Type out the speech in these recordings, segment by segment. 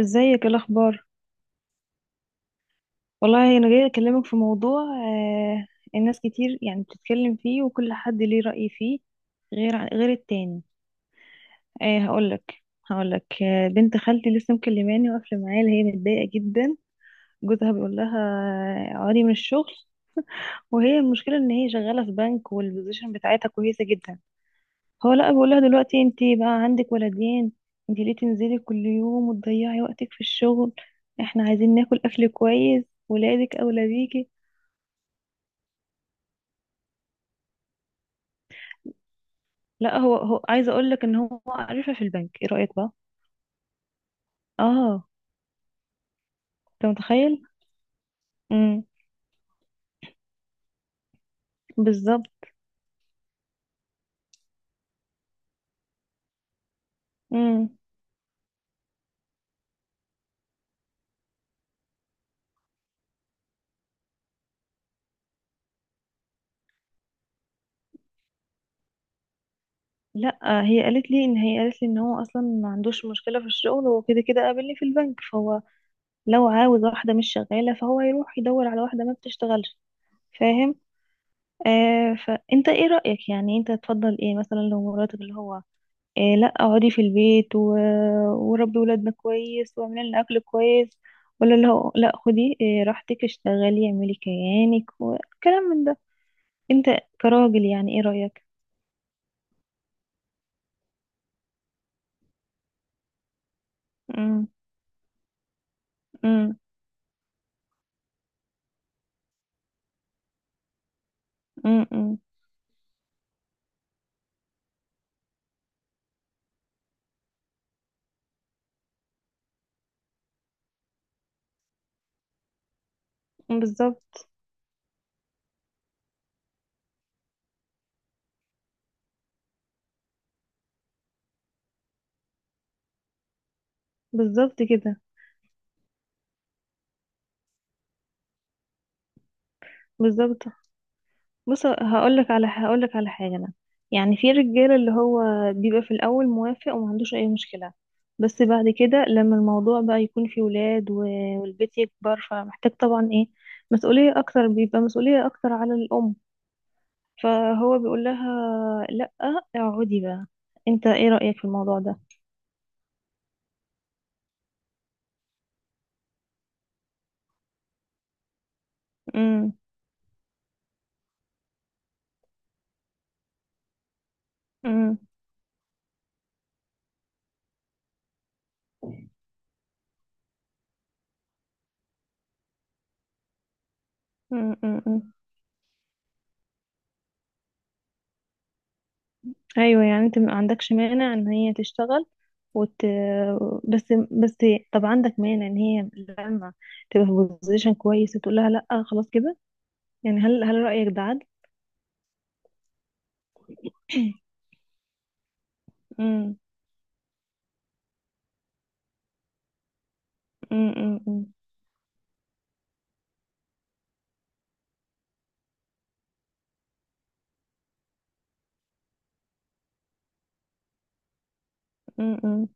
ازيك؟ ايه الاخبار؟ والله انا جايه اكلمك في موضوع. الناس كتير يعني بتتكلم فيه وكل حد ليه رأي فيه غير غير التاني. هقولك. بنت خالتي لسه مكلماني واقفه معايا، اللي هي متضايقه جدا. جوزها بيقول لها اقعدي من الشغل، وهي المشكله ان هي شغاله في بنك والبوزيشن بتاعتها كويسه جدا. هو لا بيقول لها دلوقتي انت بقى عندك ولدين، انت ليه تنزلي كل يوم وتضيعي وقتك في الشغل؟ احنا عايزين ناكل اكل كويس، ولادك اولى بيكي. لا، هو عايزه اقول لك ان هو عارفها في البنك. ايه رايك بقى؟ اه. انت متخيل؟ امم. بالظبط. امم. لا، هي قالت لي ان هو اصلا ما عندوش مشكله في الشغل، هو كده كده قابلني في البنك، فهو لو عاوز واحده مش شغاله فهو يروح يدور على واحده ما بتشتغلش. فاهم. آه، فانت ايه رايك؟ يعني انت تفضل ايه مثلا لو مراتك اللي هو إيه، لا اقعدي في البيت وربي ولادنا كويس واعملي لنا اكل كويس، ولا لا خدي إيه راحتك اشتغلي اعملي كيانك وكلام من ده؟ انت كراجل يعني ايه رأيك؟ امم. امم. امم. بالظبط. بالظبط كده. بالظبط. بص، هقولك على حاجة أنا. يعني في رجالة اللي هو بيبقى في الأول موافق وما عندوش أي مشكلة، بس بعد كده لما الموضوع بقى يكون فيه ولاد والبيت يكبر، فمحتاج طبعا إيه، مسؤولية أكتر، بيبقى مسؤولية أكتر على الأم، فهو بيقول لها لأ اقعدي بقى. أنت إيه رأيك في الموضوع ده؟ امم. امم. امم، امم، امم. ايوه، يعني انت ما عندكش مانع ان هي تشتغل وت... بس، طب عندك مانع ان هي لما تبقى في بوزيشن كويس تقول لها لا خلاص كده؟ يعني هل رأيك ده عدل؟ امم. امم. امم. امم. أمم.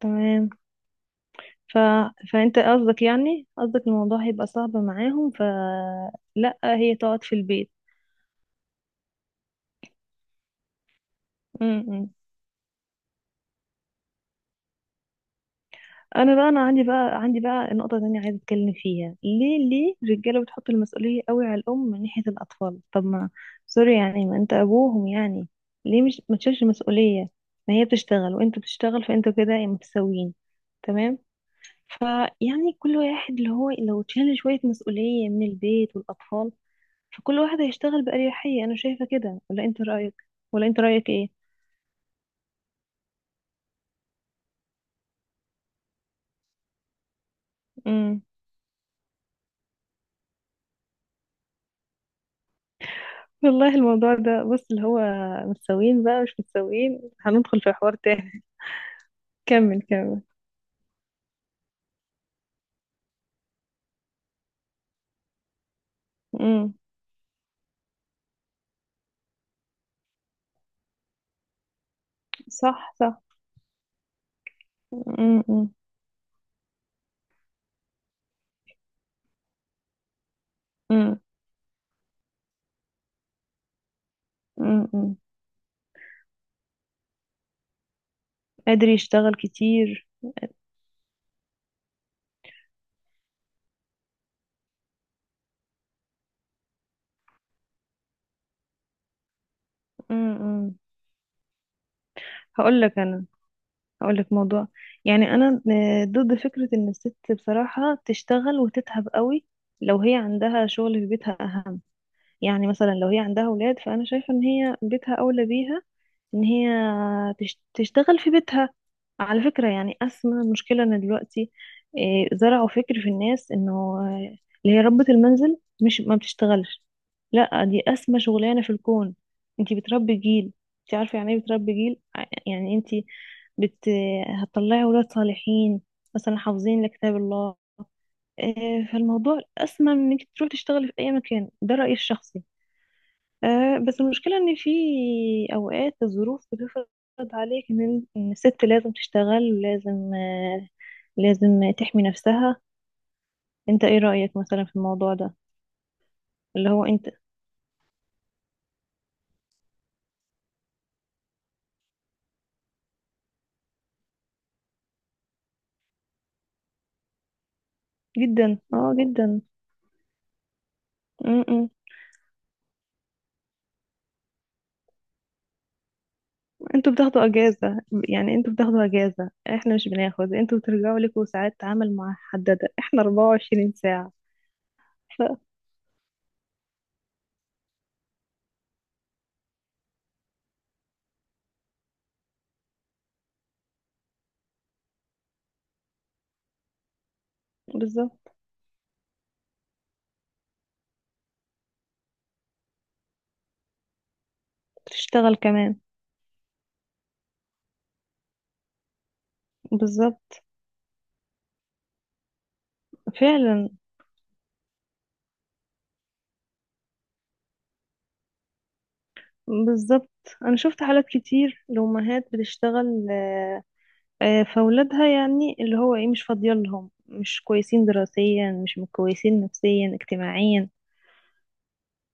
تمام. ف... فانت قصدك، يعني قصدك الموضوع هيبقى صعب معاهم فلا هي تقعد في البيت. أمم. أمم. انا بقى انا عندي بقى نقطه تانية عايزه اتكلم فيها. ليه الرجاله بتحط المسؤوليه قوي على الام من ناحيه الاطفال؟ طب ما سوري، يعني ما انت ابوهم يعني، ليه مش ما تشيلش المسؤوليه؟ ما هي بتشتغل وانت بتشتغل فانتوا كده متساويين. تمام. فيعني كل واحد اللي هو لو تشيل شويه مسؤوليه من البيت والاطفال، فكل واحد هيشتغل باريحيه. انا شايفه كده، ولا انت رايك ايه؟ والله الموضوع ده بص اللي هو متساويين بقى مش متساويين، هندخل في حوار تاني. كمل، كمل. امم. صح، صح. امم. امم. امم. امم، امم. قادر يشتغل كتير. امم. امم. هقول لك انا، هقول لك موضوع. يعني انا آه، ضد فكرة ان الست بصراحة تشتغل وتتعب قوي، لو هي عندها شغل في بيتها اهم. يعني مثلا لو هي عندها اولاد، فانا شايفة ان هي بيتها اولى بيها، ان هي تشتغل في بيتها. على فكرة، يعني أسمى مشكلة ان دلوقتي إيه، زرعوا فكر في الناس انه اللي هي ربة المنزل مش ما بتشتغلش. لا، دي أسمى شغلانة في الكون. انتي بتربي جيل. انتي عارفة يعني ايه بتربي جيل؟ يعني انتي بت هتطلعي ولاد صالحين، مثلا حافظين لكتاب الله. آه، فالموضوع أسمى من انك تروح تشتغلي في أي مكان. ده رأيي الشخصي. آه، بس المشكلة ان في اوقات الظروف بتفرض عليك ان إن الست لازم تشتغل، ولازم آه، لازم تحمي نفسها. انت ايه رأيك مثلا في الموضوع ده اللي هو انت؟ جدا، اه جدا. م-م. انتوا بتاخدوا اجازة، يعني انتوا بتاخدوا اجازة، احنا مش بناخد. انتوا بترجعوا لكم ساعات عمل محددة، احنا 24 ساعة. ف بالظبط. تشتغل كمان. بالظبط. فعلا. بالظبط. انا شفت حالات كتير لأمهات بتشتغل، آه، آه، فاولادها يعني اللي هو ايه مش فاضيه لهم، مش كويسين دراسيا، مش كويسين نفسيا اجتماعيا.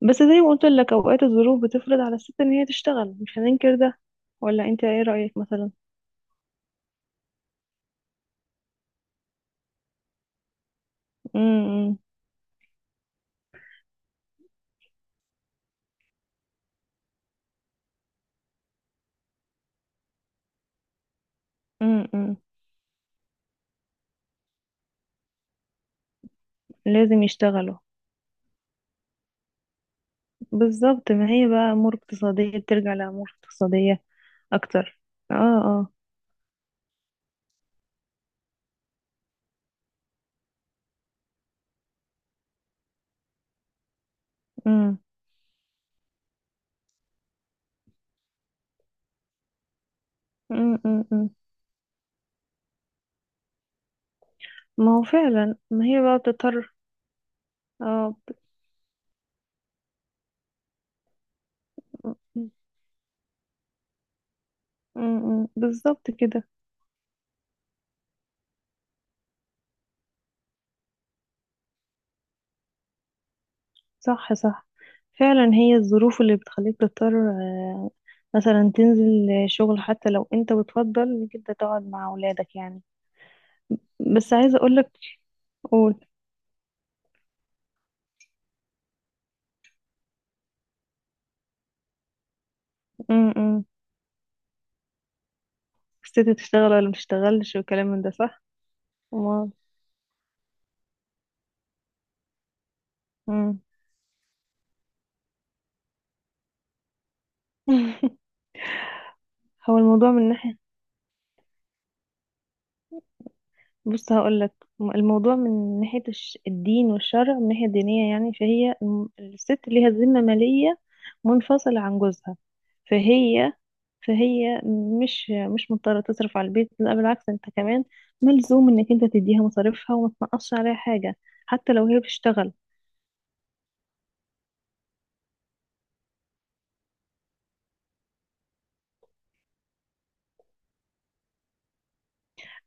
بس زي ما قلت لك، اوقات الظروف بتفرض على الست ان هي تشتغل، مش هننكر ده. ولا انت ايه رايك مثلا؟ امم. امم. لازم يشتغلوا. بالظبط، ما هي بقى امور اقتصاديه، بترجع لامور اقتصاديه اكتر. اه، اه. امم. امم. ما هو فعلا، ما هي بقى بتضطر. اه م- بالظبط كده. صح، صح. فعلا هي الظروف اللي بتخليك تضطر آه، مثلا تنزل شغل حتى لو انت بتفضل انك انت تقعد مع اولادك يعني. بس عايزه اقولك. قول. امم. ستي تشتغل ولا مش تشتغلش وكلام من ده، صح؟ امال. أمم. هو الموضوع من ناحيه، بص هقولك. الموضوع من ناحيه الدين والشرع، من ناحيه دينيه يعني، فهي الست ليها ذمه ماليه منفصله عن جوزها. فهي فهي مش مضطرة تصرف على البيت. لا بالعكس، انت كمان ملزوم انك انت تديها مصاريفها وما تنقصش عليها حاجة حتى لو هي بتشتغل.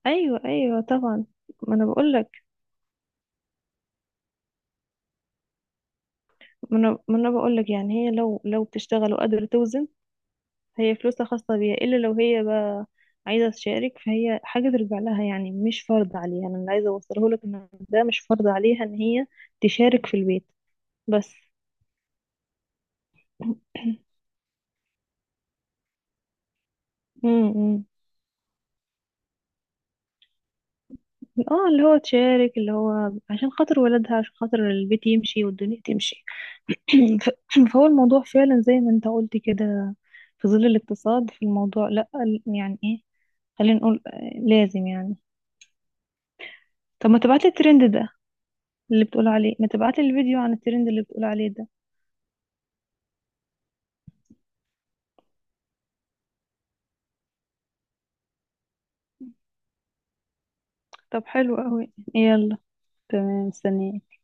ايوه، ايوه طبعا. ما انا بقول لك. ما انا ما انا بقول لك، يعني هي لو لو بتشتغل وقادرة توزن، هي فلوسها خاصة بيها. الا لو هي بقى عايزة تشارك، فهي حاجة ترجع لها. يعني مش فرض عليها. انا اللي عايزة اوصله لك ان ده مش فرض عليها ان هي تشارك في البيت. بس م- م. اه، اللي هو تشارك اللي هو عشان خاطر ولادها، عشان خاطر البيت يمشي والدنيا تمشي. ف- فهو الموضوع فعلا زي ما انت قلت كده، في ظل الاقتصاد، في الموضوع لا يعني ايه، خلينا نقول آه، لازم يعني. طب ما تبعتلي الترند ده اللي بتقول عليه، ما تبعتلي الفيديو عن الترند اللي بتقول عليه ده. طب حلو قوي، يلا. تمام، مستنيه.